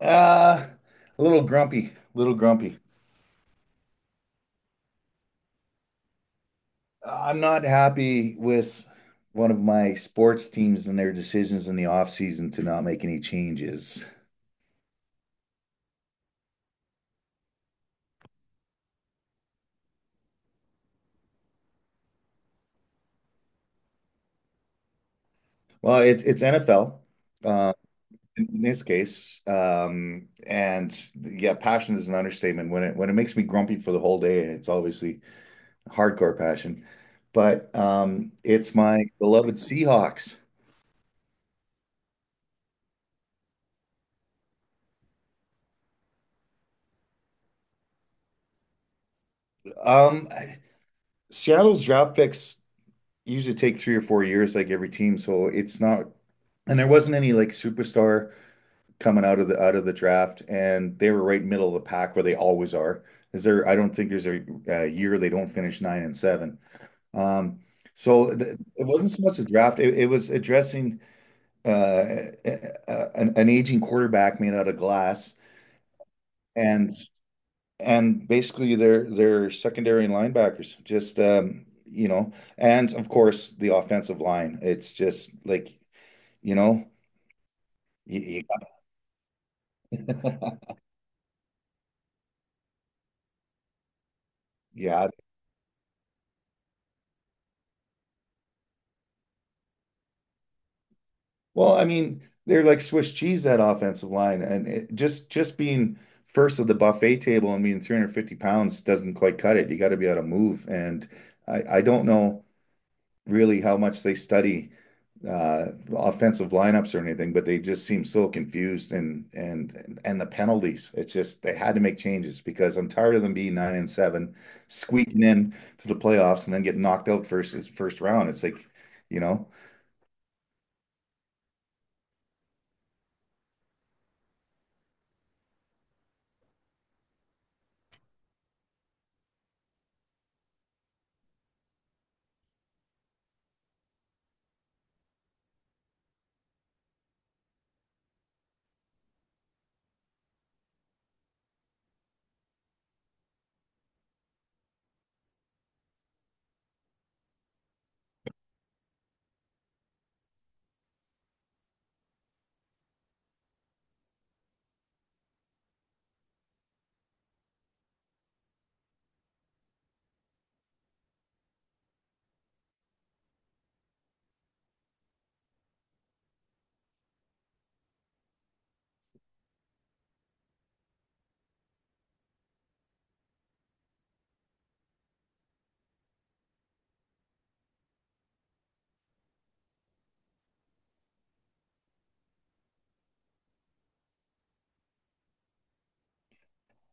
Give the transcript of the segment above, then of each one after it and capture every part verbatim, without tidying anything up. Uh, a little grumpy, little grumpy. I'm not happy with one of my sports teams and their decisions in the offseason to not make any changes. Well, it's it's N F L, uh, in, in this case. Um, and yeah, passion is an understatement. When it when it makes me grumpy for the whole day, it's obviously hardcore passion. But um, it's my beloved Seahawks. Um, Seattle's draft picks usually take three or four years, like every team. So it's not, and there wasn't any like superstar coming out of the out of the draft, and they were right middle of the pack where they always are. Is there? I don't think there's a, a year they don't finish nine and seven. Um, so th it wasn't so much a draft. It, it was addressing uh, a, a- an, an aging quarterback made out of glass and and basically they're they're secondary linebackers. Just um, you know, and of course the offensive line. It's just like, you know, y- y- yeah. Well, I mean, they're like Swiss cheese that offensive line, and it, just just being first of the buffet table and being three hundred fifty pounds doesn't quite cut it. You got to be able to move, and I I don't know. Really how much they study uh, offensive lineups or anything, but they just seem so confused and and and the penalties. It's just they had to make changes because I'm tired of them being nine and seven, squeaking in to the playoffs and then getting knocked out first first round. It's like, you know,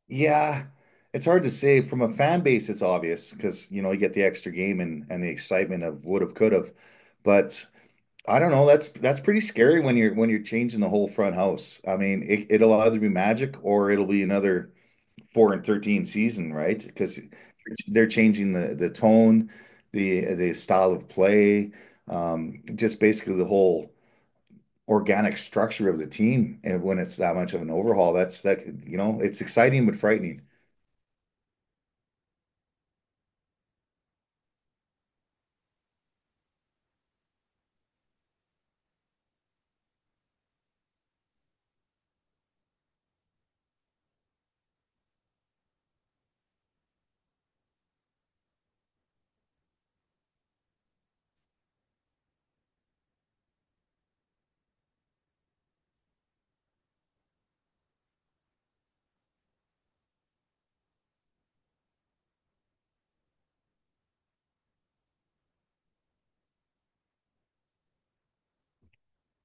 yeah, it's hard to say from a fan base. It's obvious because you know you get the extra game and and the excitement of would have could have, but I don't know. That's that's pretty scary when you're when you're changing the whole front house. I mean, it, it'll either be magic or it'll be another four to thirteen season, right? Because they're changing the the tone, the the style of play, um, just basically the whole organic structure of the team. And when it's that much of an overhaul, that's that, you know, it's exciting but frightening.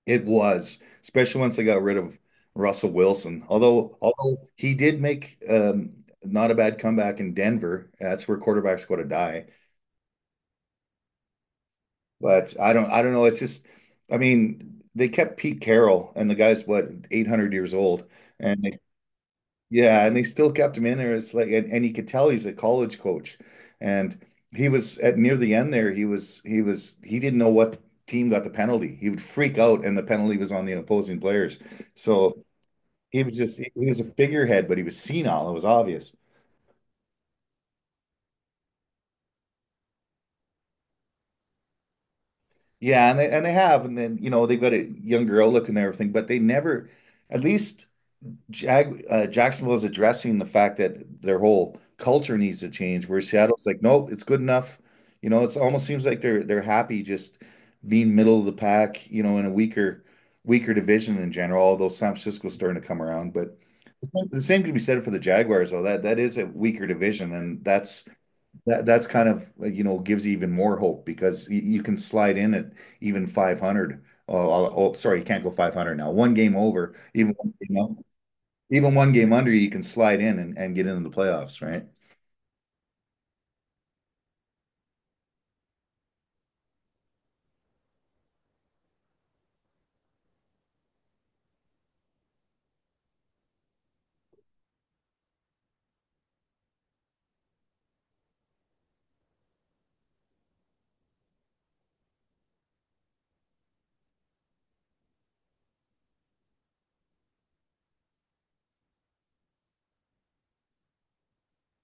It was, especially once they got rid of Russell Wilson. Although, although he did make um, not a bad comeback in Denver. That's where quarterbacks go to die. But I don't, I don't know. It's just, I mean, they kept Pete Carroll, and the guy's what eight hundred years old, and they, yeah, and they still kept him in there. It's like, and, and you could tell he's a college coach, and he was at near the end there. He was, he was, he didn't know what team got the penalty. He would freak out, and the penalty was on the opposing players. So He was just he was a figurehead, but he was senile. It was obvious. Yeah, and they and they have, and then you know they've got a young girl looking and everything, but they never, at least Jag uh, Jacksonville is addressing the fact that their whole culture needs to change. Where Seattle's like, nope, it's good enough. You know, it's almost seems like they're they're happy just being middle of the pack. You know, in a weaker weaker division in general. Although San Francisco's starting to come around, but the same, the same could be said for the Jaguars, though. That that is a weaker division, and that's That that's kind of like, you know, gives you even more hope because you, you can slide in at even five hundred. Oh, oh, oh, sorry, you can't go five hundred now. One game over, even one game up, even one game under, you can slide in and, and get into the playoffs, right?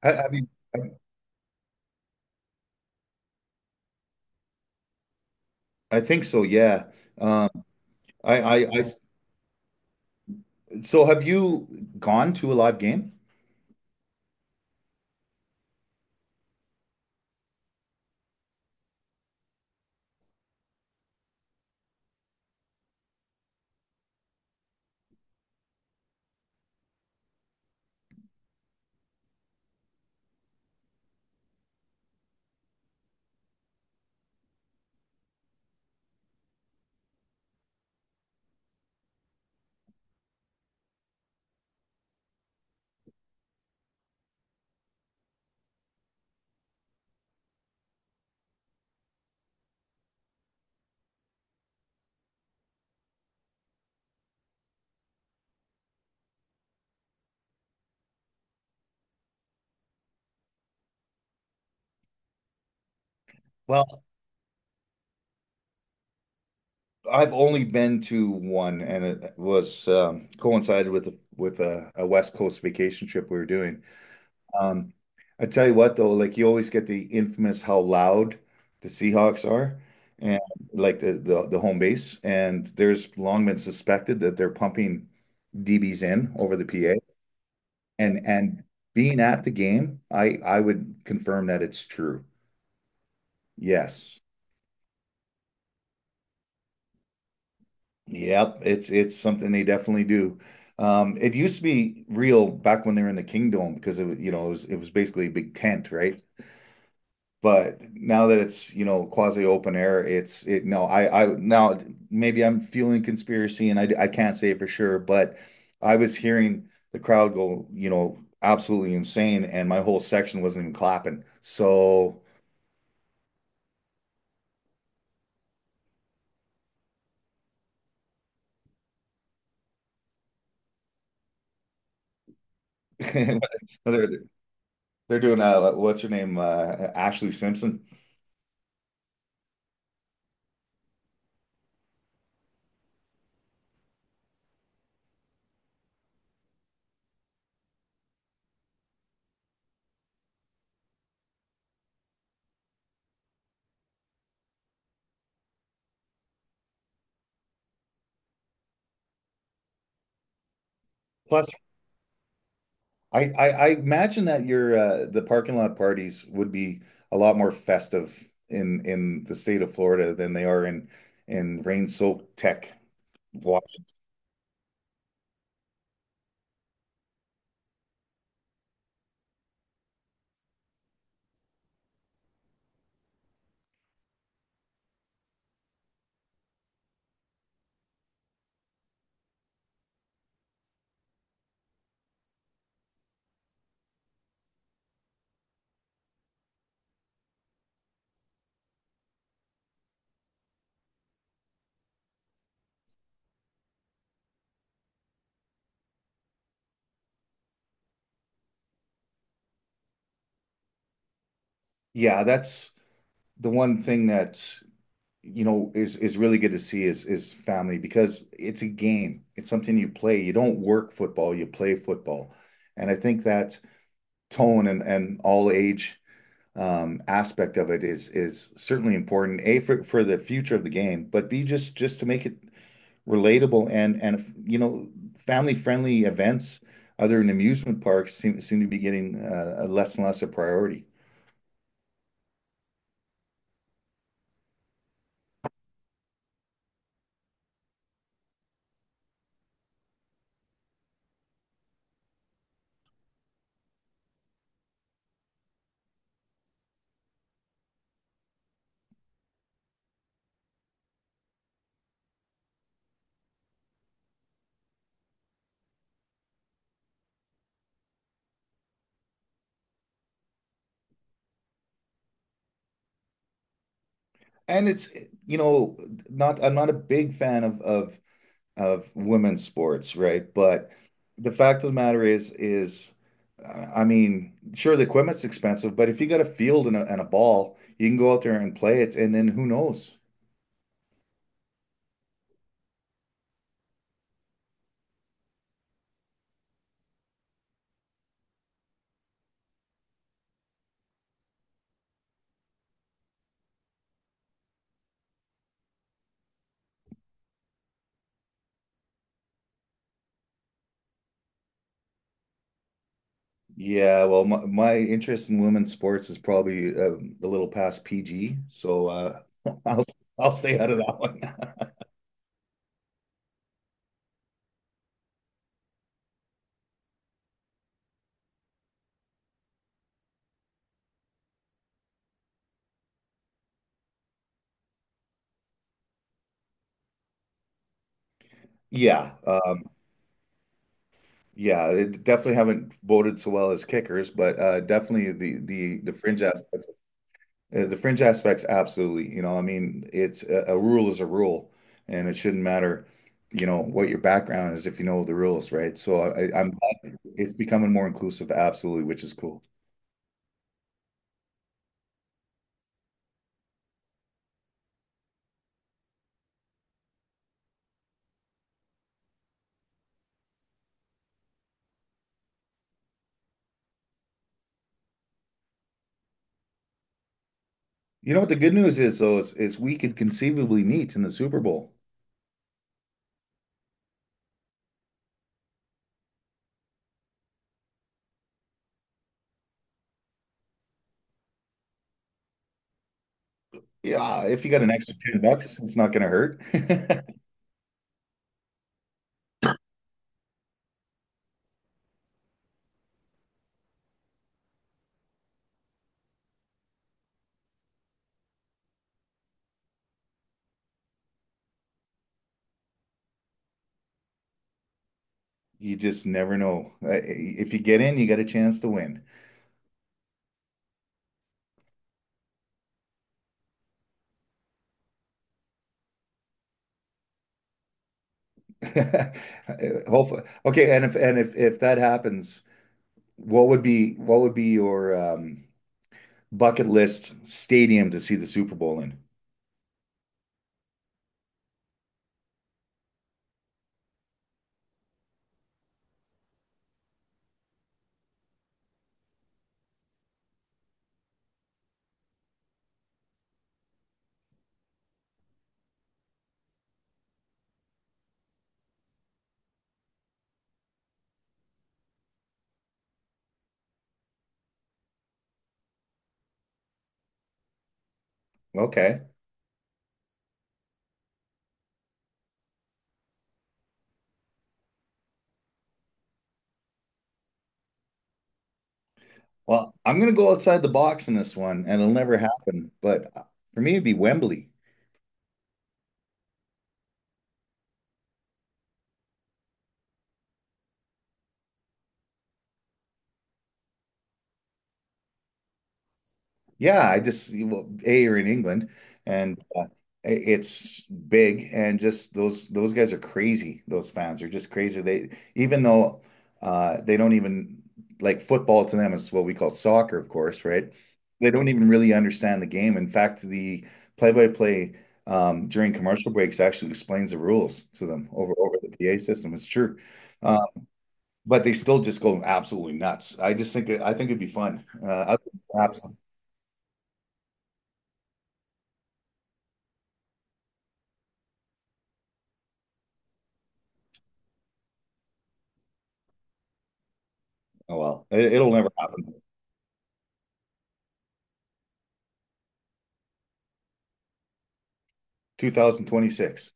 I, I mean, I, I think so. Yeah. Um, I I, I, so have you gone to a live game? Well, I've only been to one, and it was um, coincided with the, with a, a West Coast vacation trip we were doing. Um, I tell you what, though, like you always get the infamous how loud the Seahawks are and like the, the, the home base. And there's long been suspected that they're pumping D Bs in over the P A. And and being at the game, I I would confirm that it's true. Yes. Yep. It's it's something they definitely do. Um, it used to be real back when they were in the Kingdom because it was, you know, it was it was basically a big tent, right? But now that it's, you know, quasi open air, it's it no, I I now maybe I'm fueling conspiracy and I I can't say for sure, but I was hearing the crowd go, you know, absolutely insane and my whole section wasn't even clapping. So they're they're doing uh what's her name? Uh Ashley Simpson. Plus I, I I imagine that your uh the parking lot parties would be a lot more festive in in the state of Florida than they are in in rain-soaked tech. Washington. Yeah, that's the one thing that you know is is really good to see is is family because it's a game. It's something you play. You don't work football, you play football. And I think that tone and and all age um aspect of it is is certainly important. A for for the future of the game, but B just just to make it relatable and and you know family friendly events other than amusement parks seem seem to be getting uh, less and less a priority. And it's, you know, not I'm not a big fan of of of women's sports, right? But the fact of the matter is is, I mean, sure the equipment's expensive, but if you got a field and a, and a ball, you can go out there and play it, and then who knows? Yeah, well, my, my interest in women's sports is probably uh, a little past P G, so uh, I'll I'll stay out of that one. Yeah, um, yeah, they definitely haven't voted so well as kickers, but uh, definitely the the the fringe aspects, uh, the fringe aspects, absolutely. You know, I mean, it's a, a rule is a rule, and it shouldn't matter, you know, what your background is if you know the rules, right? So I, I'm glad it's becoming more inclusive, absolutely, which is cool. You know what the good news is though is, is, we could conceivably meet in the Super Bowl. Yeah, if you got an extra ten bucks, it's not going to hurt. You just never know. Uh, If you get in, you got a chance to win. Hopefully. Okay, and if and if if that happens, what would be what would be your um bucket list stadium to see the Super Bowl in? Okay. Well, I'm gonna go outside the box in this one, and it'll never happen. But uh, for me, it'd be Wembley. Yeah, I just well, A, you're in England, and uh, i- it's big, and just those those guys are crazy. Those fans are just crazy. They Even though uh, they don't even, like, football to them is what we call soccer, of course, right? They don't even really understand the game. In fact, the play-by-play, um, during commercial breaks actually explains the rules to them over over the P A system. It's true, uh, but they still just go absolutely nuts. I just think I think it'd be fun. Uh, absolutely. Oh well, it, it'll never happen. two thousand twenty-six.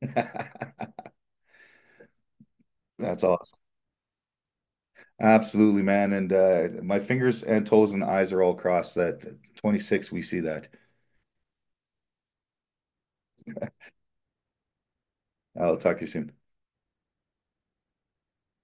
That's awesome. Absolutely, man. And uh, my fingers and toes and eyes are all crossed that twenty-six we see that. I'll talk to you soon.